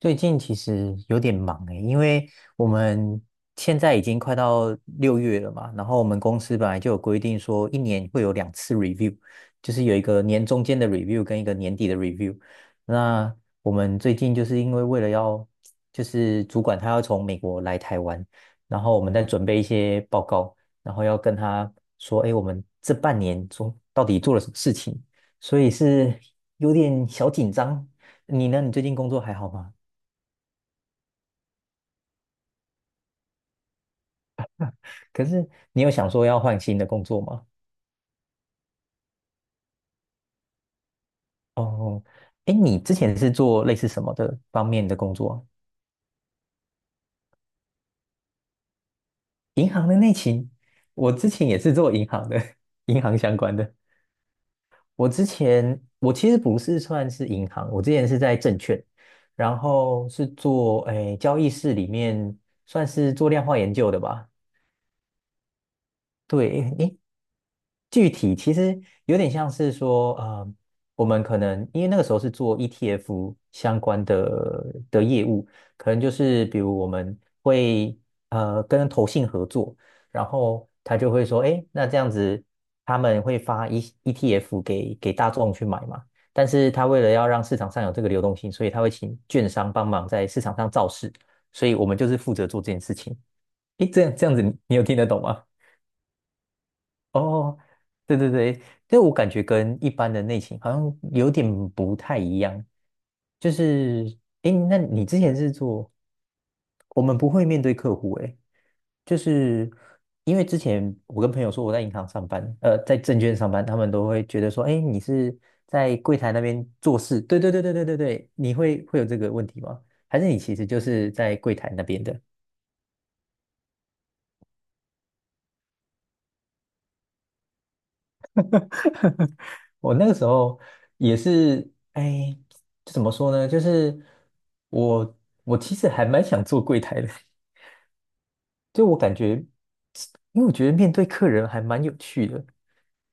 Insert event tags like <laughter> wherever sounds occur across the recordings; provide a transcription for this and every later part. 最近其实有点忙诶，因为我们现在已经快到六月了嘛，然后我们公司本来就有规定说一年会有两次 review，就是有一个年中间的 review 跟一个年底的 review。那我们最近就是为了要主管他要从美国来台湾，然后我们在准备一些报告，然后要跟他说，哎，我们这半年中到底做了什么事情，所以是有点小紧张。你呢？你最近工作还好吗？可是你有想说要换新的工作吗？哦，哎，你之前是做类似什么的方面的工作啊？银行的内勤，我之前也是做银行的，<laughs> 银行相关的。我之前我其实不是算是银行，我之前是在证券，然后是做交易室里面算是做量化研究的吧。对，诶，具体其实有点像是说，我们可能因为那个时候是做 ETF 相关的业务，可能就是比如我们会跟投信合作，然后他就会说，哎，那这样子他们会发 ETF 给大众去买嘛，但是他为了要让市场上有这个流动性，所以他会请券商帮忙在市场上造势，所以我们就是负责做这件事情。诶，这样子你，你有听得懂吗？哦，对对对，这我感觉跟一般的内勤好像有点不太一样。就是，诶，那你之前是做，我们不会面对客户，诶，就是因为之前我跟朋友说我在银行上班，在证券上班，他们都会觉得说，诶，你是在柜台那边做事？对对对对对对对，你会有这个问题吗？还是你其实就是在柜台那边的？我那个时候也是，哎，怎么说呢？就是我我其实还蛮想做柜台的，就我感觉，因为我觉得面对客人还蛮有趣的。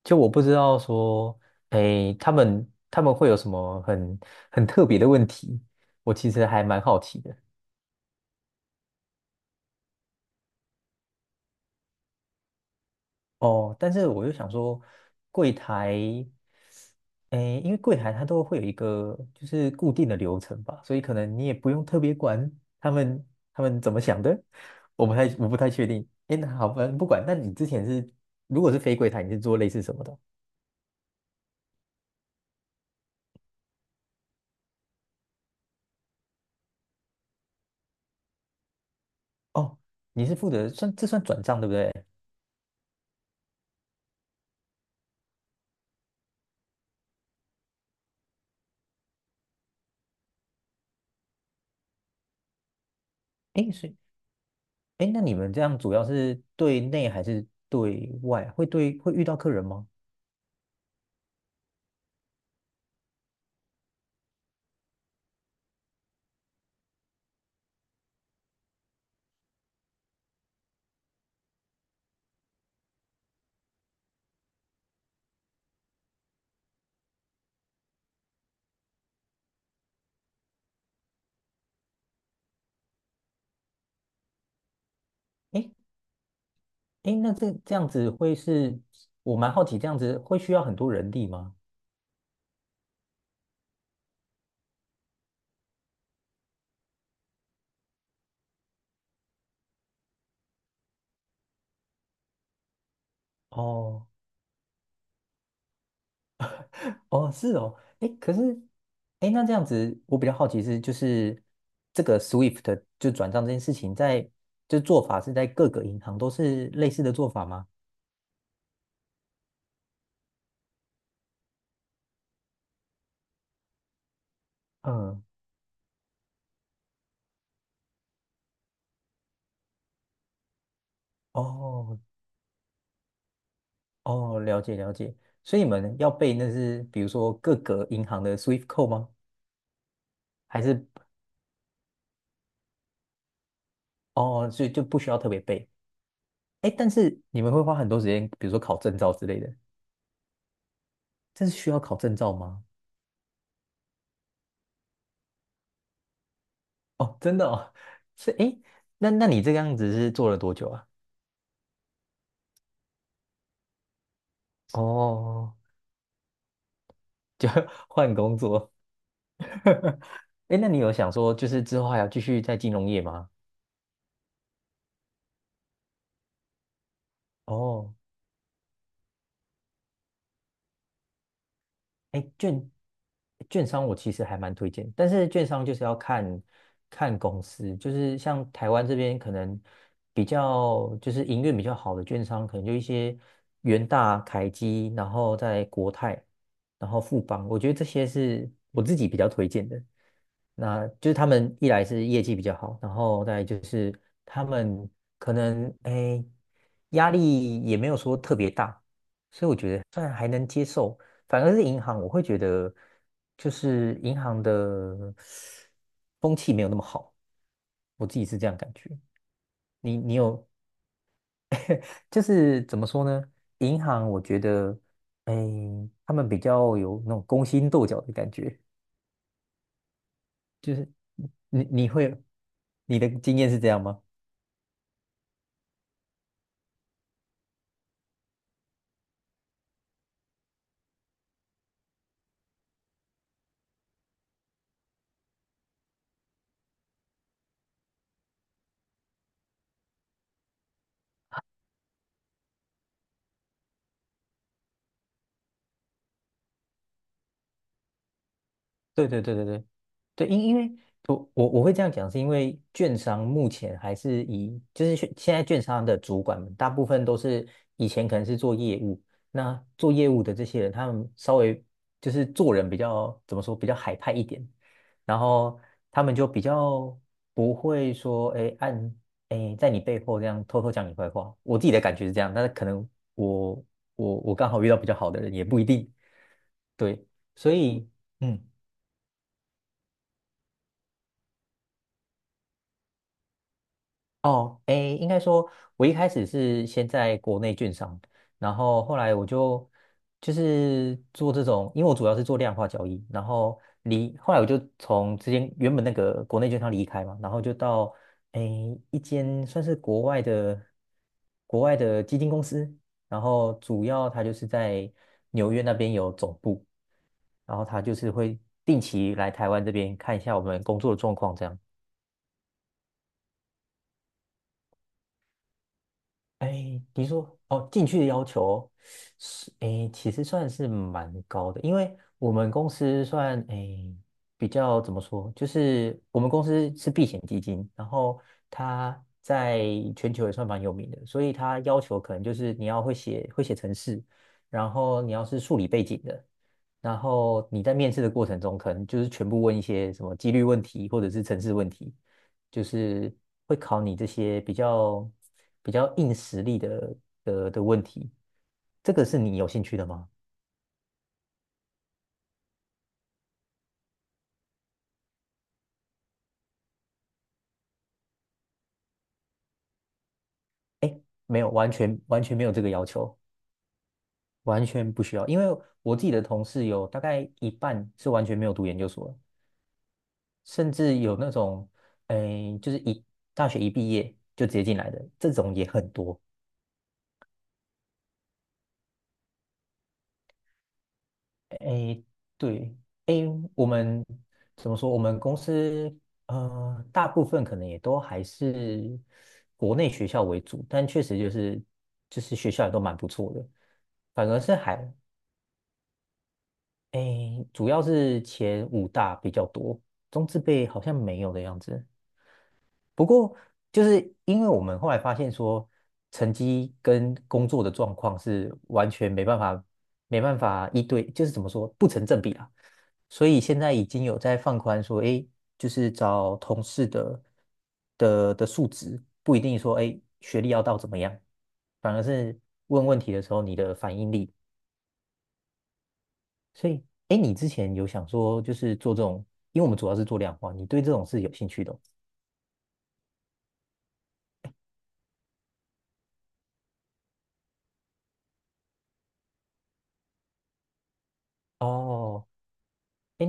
就我不知道说，哎，他们会有什么很特别的问题，我其实还蛮好奇的。哦，但是我又想说，柜台，诶，因为柜台它都会有一个就是固定的流程吧，所以可能你也不用特别管他们他们怎么想的，我不太确定。诶，那好吧，不管。那你之前是如果是非柜台，你是做类似什么的？哦，你是负责算转账对不对？诶，是诶，那你们这样主要是对内还是对外？会遇到客人吗？诶诶，那这这样子会是，我蛮好奇，这样子会需要很多人力吗？哦，哦，是哦，诶，可是，诶，那这样子我比较好奇是，就是这个 SWIFT 就转账这件事情在，就做法是在各个银行都是类似的做法吗？嗯，哦，哦，了解了解，所以你们要背那是比如说各个银行的 SWIFT code 吗？还是哦，所以就不需要特别背？诶，但是你们会花很多时间，比如说考证照之类的。这是需要考证照吗？哦，真的哦，是诶，那那你这个样子是做了多久啊？哦，就 <laughs> 换工作。<laughs> 诶，那你有想说，就是之后还要继续在金融业吗？哦。哎，券商我其实还蛮推荐，但是券商就是要看公司，就是像台湾这边可能比较就是营运比较好的券商，可能就一些元大、凯基，然后在国泰，然后富邦，我觉得这些是我自己比较推荐的。那就是他们一来是业绩比较好，然后再来就是他们可能哎压力也没有说特别大，所以我觉得算还能接受。反而是银行，我会觉得就是银行的风气没有那么好，我自己是这样感觉。你有就是怎么说呢？银行我觉得，哎，他们比较有那种勾心斗角的感觉。你你会你的经验是这样吗？对对对对对。对，因为我会这样讲，是因为券商目前还是以就是现在券商的主管们，大部分都是以前可能是做业务，那做业务的这些人，他们稍微就是做人比较怎么说，比较海派一点，然后他们就比较不会说，哎在你背后这样偷偷讲你坏话。我自己的感觉是这样，但是可能我我刚好遇到比较好的人，也不一定。对，所以。嗯。哦，诶，应该说，我一开始是先在国内券商，然后后来我就就是做这种，因为我主要是做量化交易，然后后来我就从之前原本那个国内券商离开嘛，然后就到诶一间算是国外的基金公司，然后主要它就是在纽约那边有总部，然后它就是会定期来台湾这边看一下我们工作的状况这样。哎，你说哦，进去的要求是哎，其实算是蛮高的，因为我们公司算哎比较怎么说，就是我们公司是避险基金，然后它在全球也算蛮有名的，所以它要求可能就是你要会写程式，然后你要是数理背景的，然后你在面试的过程中可能就是全部问一些什么几率问题或者是程式问题。就是会考你这些比较硬实力的的问题。这个是你有兴趣的吗？没有，完全没有这个要求，完全不需要。因为我自己的同事有大概一半是完全没有读研究所的甚至有那种，诶，就是大学一毕业就直接进来的，这种也很多。诶，对，诶，我们怎么说？我们公司大部分可能也都还是国内学校为主，但确实就是学校也都蛮不错的，反而是还诶，主要是前五大比较多，中字辈好像没有的样子。不过，就是因为我们后来发现说，成绩跟工作的状况是完全没办法一对，就是怎么说不成正比啦。所以现在已经有在放宽说，哎，就是找同事的数值，不一定说哎学历要到怎么样，反而是问问题的时候你的反应力。所以，哎，你之前有想说就是做这种，因为我们主要是做量化，你对这种是有兴趣的哦。哎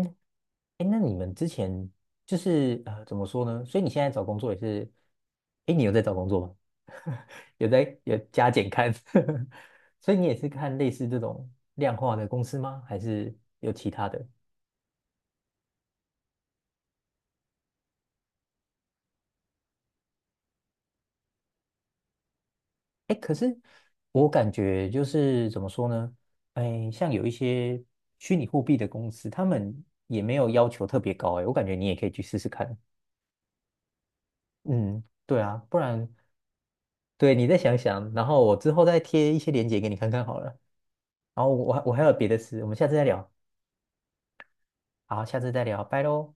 哎，那你们之前就是怎么说呢？所以你现在找工作也是，哎，你有在找工作吗？<laughs> 有加减看，<laughs> 所以你也是看类似这种量化的公司吗？还是有其他的？哎，可是我感觉就是怎么说呢？哎，像有一些虚拟货币的公司，他们也没有要求特别高，哎，我感觉你也可以去试试看。嗯，对啊，不然对你再想想，然后我之后再贴一些链接给你看看好了。然后我还有别的事，我们下次再聊。好，下次再聊，拜喽。